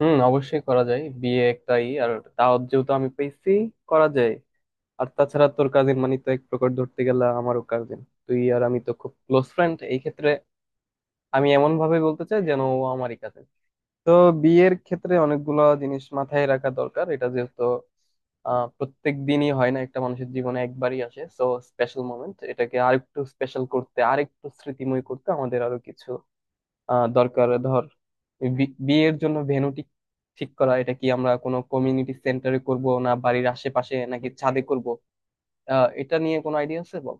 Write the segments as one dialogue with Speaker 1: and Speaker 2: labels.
Speaker 1: হুম, অবশ্যই করা যায়। বিয়ে একটাই, আর দাওয়াত যেহেতু আমি পেয়েছি, করা যায়। আর তাছাড়া তোর কাজিন মানে তো এক প্রকার ধরতে গেলে আমারও কাজিন। তুই আর আমি তো খুব ক্লোজ ফ্রেন্ড, এই ক্ষেত্রে আমি এমন ভাবে বলতে চাই যেন ও আমারই কাজিন। তো বিয়ের ক্ষেত্রে অনেকগুলা জিনিস মাথায় রাখা দরকার, এটা যেহেতু প্রত্যেক দিনই হয় না, একটা মানুষের জীবনে একবারই আসে। সো স্পেশাল মোমেন্ট, এটাকে আরেকটু স্পেশাল করতে, আরেকটু স্মৃতিময় করতে আমাদের আরো কিছু দরকার। ধর, বিয়ের জন্য ভেন্যু ঠিক ঠিক করা, এটা কি আমরা কোনো কমিউনিটি সেন্টারে করব, না বাড়ির আশেপাশে, নাকি ছাদে করব? এটা নিয়ে কোনো আইডিয়া আছে, বল।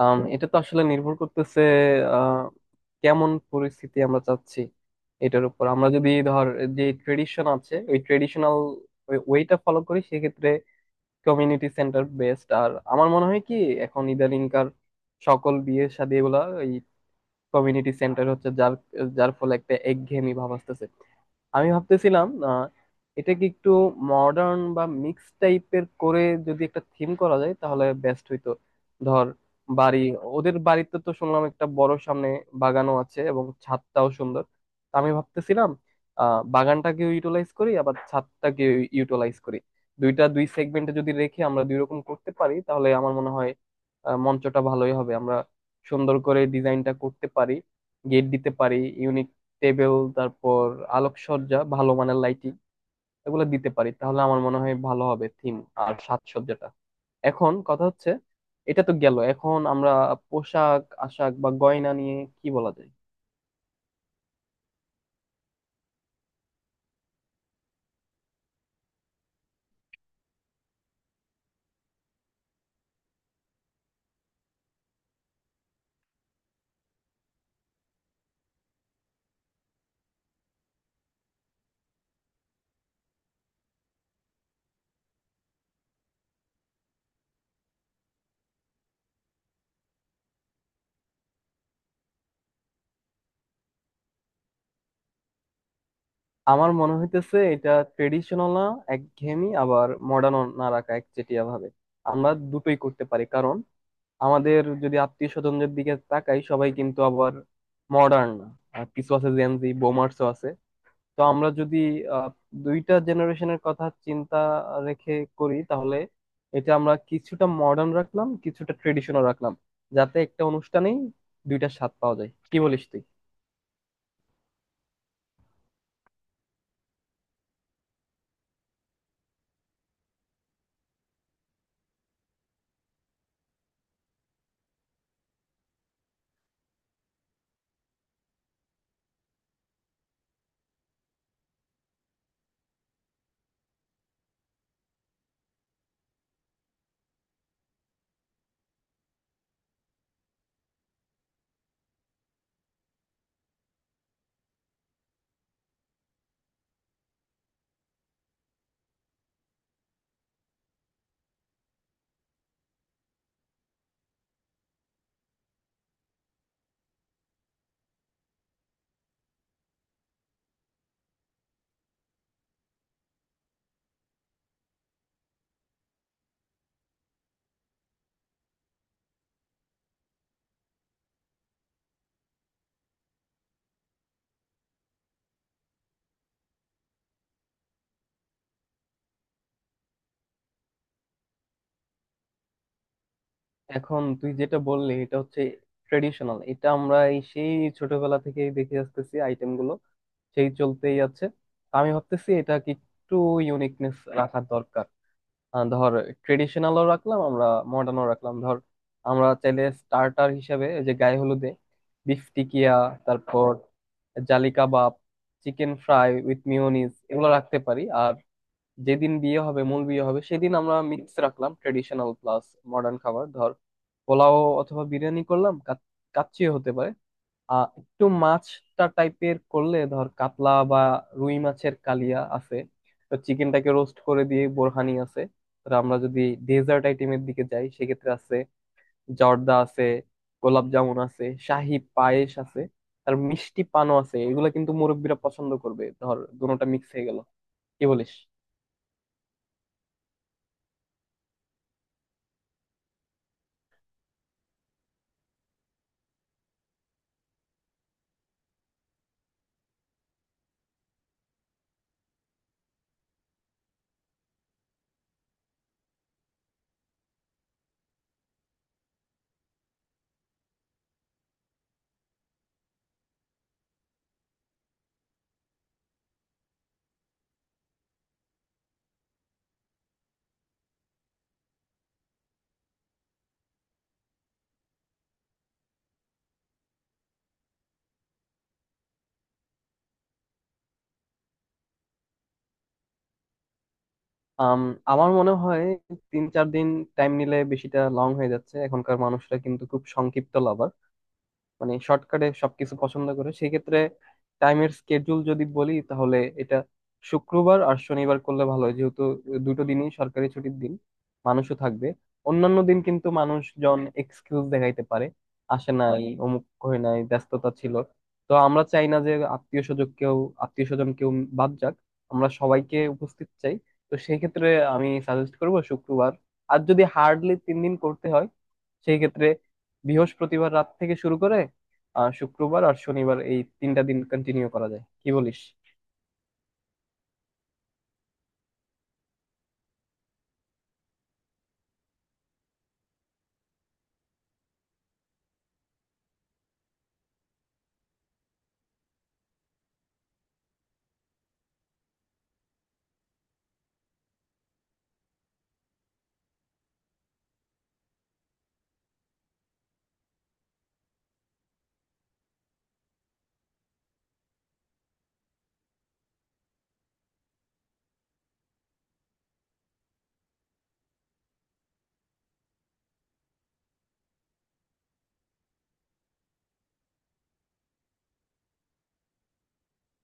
Speaker 1: এটা তো আসলে নির্ভর করতেছে আহ কেমন পরিস্থিতি আমরা চাচ্ছি এটার উপর। আমরা যদি ধর যে ট্রেডিশন আছে, ওই ট্রেডিশনাল ওয়েটা ফলো করি, সেক্ষেত্রে কমিউনিটি সেন্টার বেস্ট। আর আমার মনে হয় কি, এখন ইদানিংকার সকল বিয়ে শাদী এগুলা কমিউনিটি সেন্টার হচ্ছে, যার যার ফলে একটা একঘেয়েমি ভাব আসতেছে। আমি ভাবতেছিলাম এটাকে একটু মডার্ন বা মিক্স টাইপের করে যদি একটা থিম করা যায় তাহলে বেস্ট হইতো। ধর বাড়ি, ওদের বাড়িতে তো শুনলাম একটা বড় সামনে বাগানও আছে এবং ছাদটাও সুন্দর। তা আমি ভাবতেছিলাম বাগানটাকে ইউটিলাইজ করি, আবার ছাদটাকে ইউটিলাইজ করি। দুইটা দুই সেগমেন্টে যদি রেখে আমরা দুই রকম করতে পারি, তাহলে আমার মনে হয় মঞ্চটা ভালোই হবে। আমরা সুন্দর করে ডিজাইনটা করতে পারি, গেট দিতে পারি, ইউনিক টেবিল, তারপর আলোকসজ্জা, ভালো মানের লাইটিং, এগুলো দিতে পারি তাহলে আমার মনে হয় ভালো হবে থিম আর সাজসজ্জাটা। এখন কথা হচ্ছে, এটা তো গেল, এখন আমরা পোশাক আশাক বা গয়না নিয়ে কি বলা যায়? আমার মনে হইতেছে এটা ট্রেডিশনাল না একঘেয়েমি, আবার মডার্ন না রাখা একচেটিয়া ভাবে। আমরা দুটোই করতে পারি, কারণ আমাদের যদি আত্মীয় স্বজনদের দিকে তাকাই, সবাই কিন্তু আবার মডার্ন না, আর কিছু আছে জেনজি বোমার্সও আছে। তো আমরা যদি আহ, দুইটা জেনারেশনের কথা চিন্তা রেখে করি, তাহলে এটা আমরা কিছুটা মডার্ন রাখলাম, কিছুটা ট্রেডিশনাল রাখলাম, যাতে একটা অনুষ্ঠানেই দুইটা স্বাদ পাওয়া যায়। কি বলিস তুই? এখন তুই যেটা বললি, এটা হচ্ছে ট্রেডিশনাল, এটা আমরা এই সেই ছোটবেলা থেকেই দেখে আসতেছি আইটেম গুলো, সেই চলতেই আছে। আমি ভাবতেছি এটা কি একটু ইউনিকনেস রাখা দরকার। ধর ট্রেডিশনালও রাখলাম আমরা, মডার্নও রাখলাম। ধর আমরা চাইলে স্টার্টার হিসাবে ওই যে গায়ে হলুদে বিফ টিকিয়া, তারপর জালি কাবাব, চিকেন ফ্রাই উইথ মিওনিজ, এগুলো রাখতে পারি। আর যেদিন বিয়ে হবে, মূল বিয়ে হবে সেদিন আমরা মিক্স রাখলাম ট্রেডিশনাল প্লাস মডার্ন খাবার। ধর পোলাও অথবা বিরিয়ানি করলাম, কাচ্চি হতে পারে, একটু মাছটা টাইপের করলে ধর কাতলা বা রুই মাছের কালিয়া আছে, তো চিকেনটাকে রোস্ট করে দিয়ে, বোরহানি আছে। তো আমরা যদি ডেজার্ট আইটেমের দিকে যাই, সেক্ষেত্রে আছে জর্দা, আছে গোলাপ জামুন, আছে শাহি পায়েস, আছে আর মিষ্টি পানও আছে। এগুলো কিন্তু মুরব্বীরা পছন্দ করবে। ধর দুটোটা মিক্স হয়ে গেল, কি বলিস? আম, আমার মনে হয় 3 4 দিন টাইম নিলে বেশিটা লং হয়ে যাচ্ছে। এখনকার মানুষরা কিন্তু খুব সংক্ষিপ্ত লাভার, মানে শর্টকাটে সবকিছু পছন্দ করে। সেই ক্ষেত্রে টাইমের স্কেডিউল যদি বলি, তাহলে এটা শুক্রবার আর শনিবার করলে ভালো হয়, যেহেতু দুটো দিনই সরকারি ছুটির দিন, মানুষও থাকবে। অন্যান্য দিন কিন্তু মানুষজন এক্সকিউজ দেখাইতে পারে, আসে নাই, অমুক হয় নাই, ব্যস্ততা ছিল। তো আমরা চাই না যে আত্মীয় স্বজন কেউ বাদ যাক, আমরা সবাইকে উপস্থিত চাই। তো সেই ক্ষেত্রে আমি সাজেস্ট করবো শুক্রবার। আর যদি হার্ডলি 3 দিন করতে হয়, সেই ক্ষেত্রে বৃহস্পতিবার রাত থেকে শুরু করে শুক্রবার আর শনিবার, এই 3টা দিন কন্টিনিউ করা যায়। কি বলিস?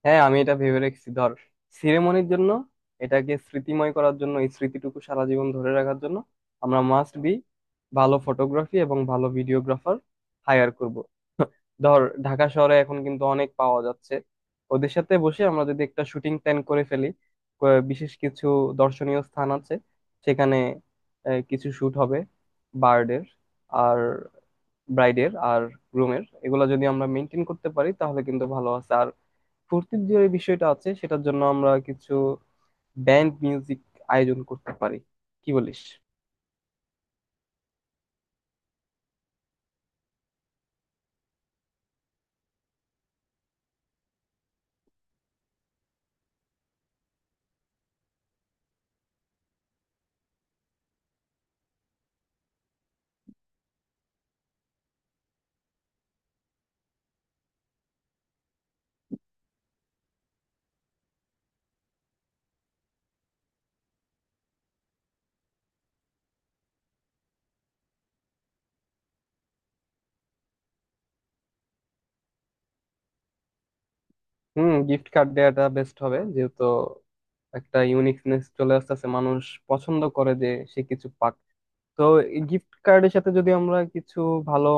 Speaker 1: হ্যাঁ, আমি এটা ভেবে রেখেছি। ধর সিরেমনির জন্য, এটাকে স্মৃতিময় করার জন্য, এই স্মৃতিটুকু সারা জীবন ধরে রাখার জন্য আমরা মাস্ট বি ভালো ফটোগ্রাফি এবং ভালো ভিডিওগ্রাফার হায়ার করব। ধর ঢাকা শহরে এখন কিন্তু অনেক পাওয়া যাচ্ছে। ওদের সাথে বসে আমরা যদি একটা শুটিং প্ল্যান করে ফেলি, বিশেষ কিছু দর্শনীয় স্থান আছে, সেখানে কিছু শুট হবে বার্ডের আর ব্রাইডের আর গ্রুমের, এগুলো যদি আমরা মেনটেন করতে পারি তাহলে কিন্তু ভালো আছে। ফুর্তির যে বিষয়টা আছে সেটার জন্য আমরা কিছু ব্যান্ড মিউজিক আয়োজন করতে পারি, কি বলিস? হুম, গিফট কার্ড দেওয়াটা বেস্ট হবে, যেহেতু একটা ইউনিকনেস চলে আসতেছে। মানুষ পছন্দ করে যে সে কিছু পাক। তো এই গিফট কার্ডের সাথে যদি আমরা কিছু ভালো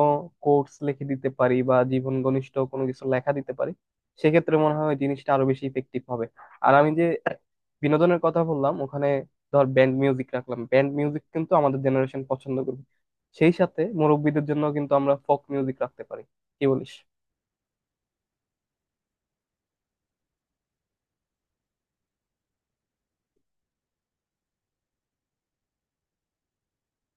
Speaker 1: কোটস লিখে দিতে পারি বা জীবন ঘনিষ্ঠ কোনো কিছু লেখা দিতে পারি, সেক্ষেত্রে মনে হয় জিনিসটা আরো বেশি ইফেক্টিভ হবে। আর আমি যে বিনোদনের কথা বললাম ওখানে, ধর ব্যান্ড মিউজিক রাখলাম, ব্যান্ড মিউজিক কিন্তু আমাদের জেনারেশন পছন্দ করবে, সেই সাথে মুরব্বীদের জন্য কিন্তু আমরা ফোক মিউজিক রাখতে পারি। কি বলিস?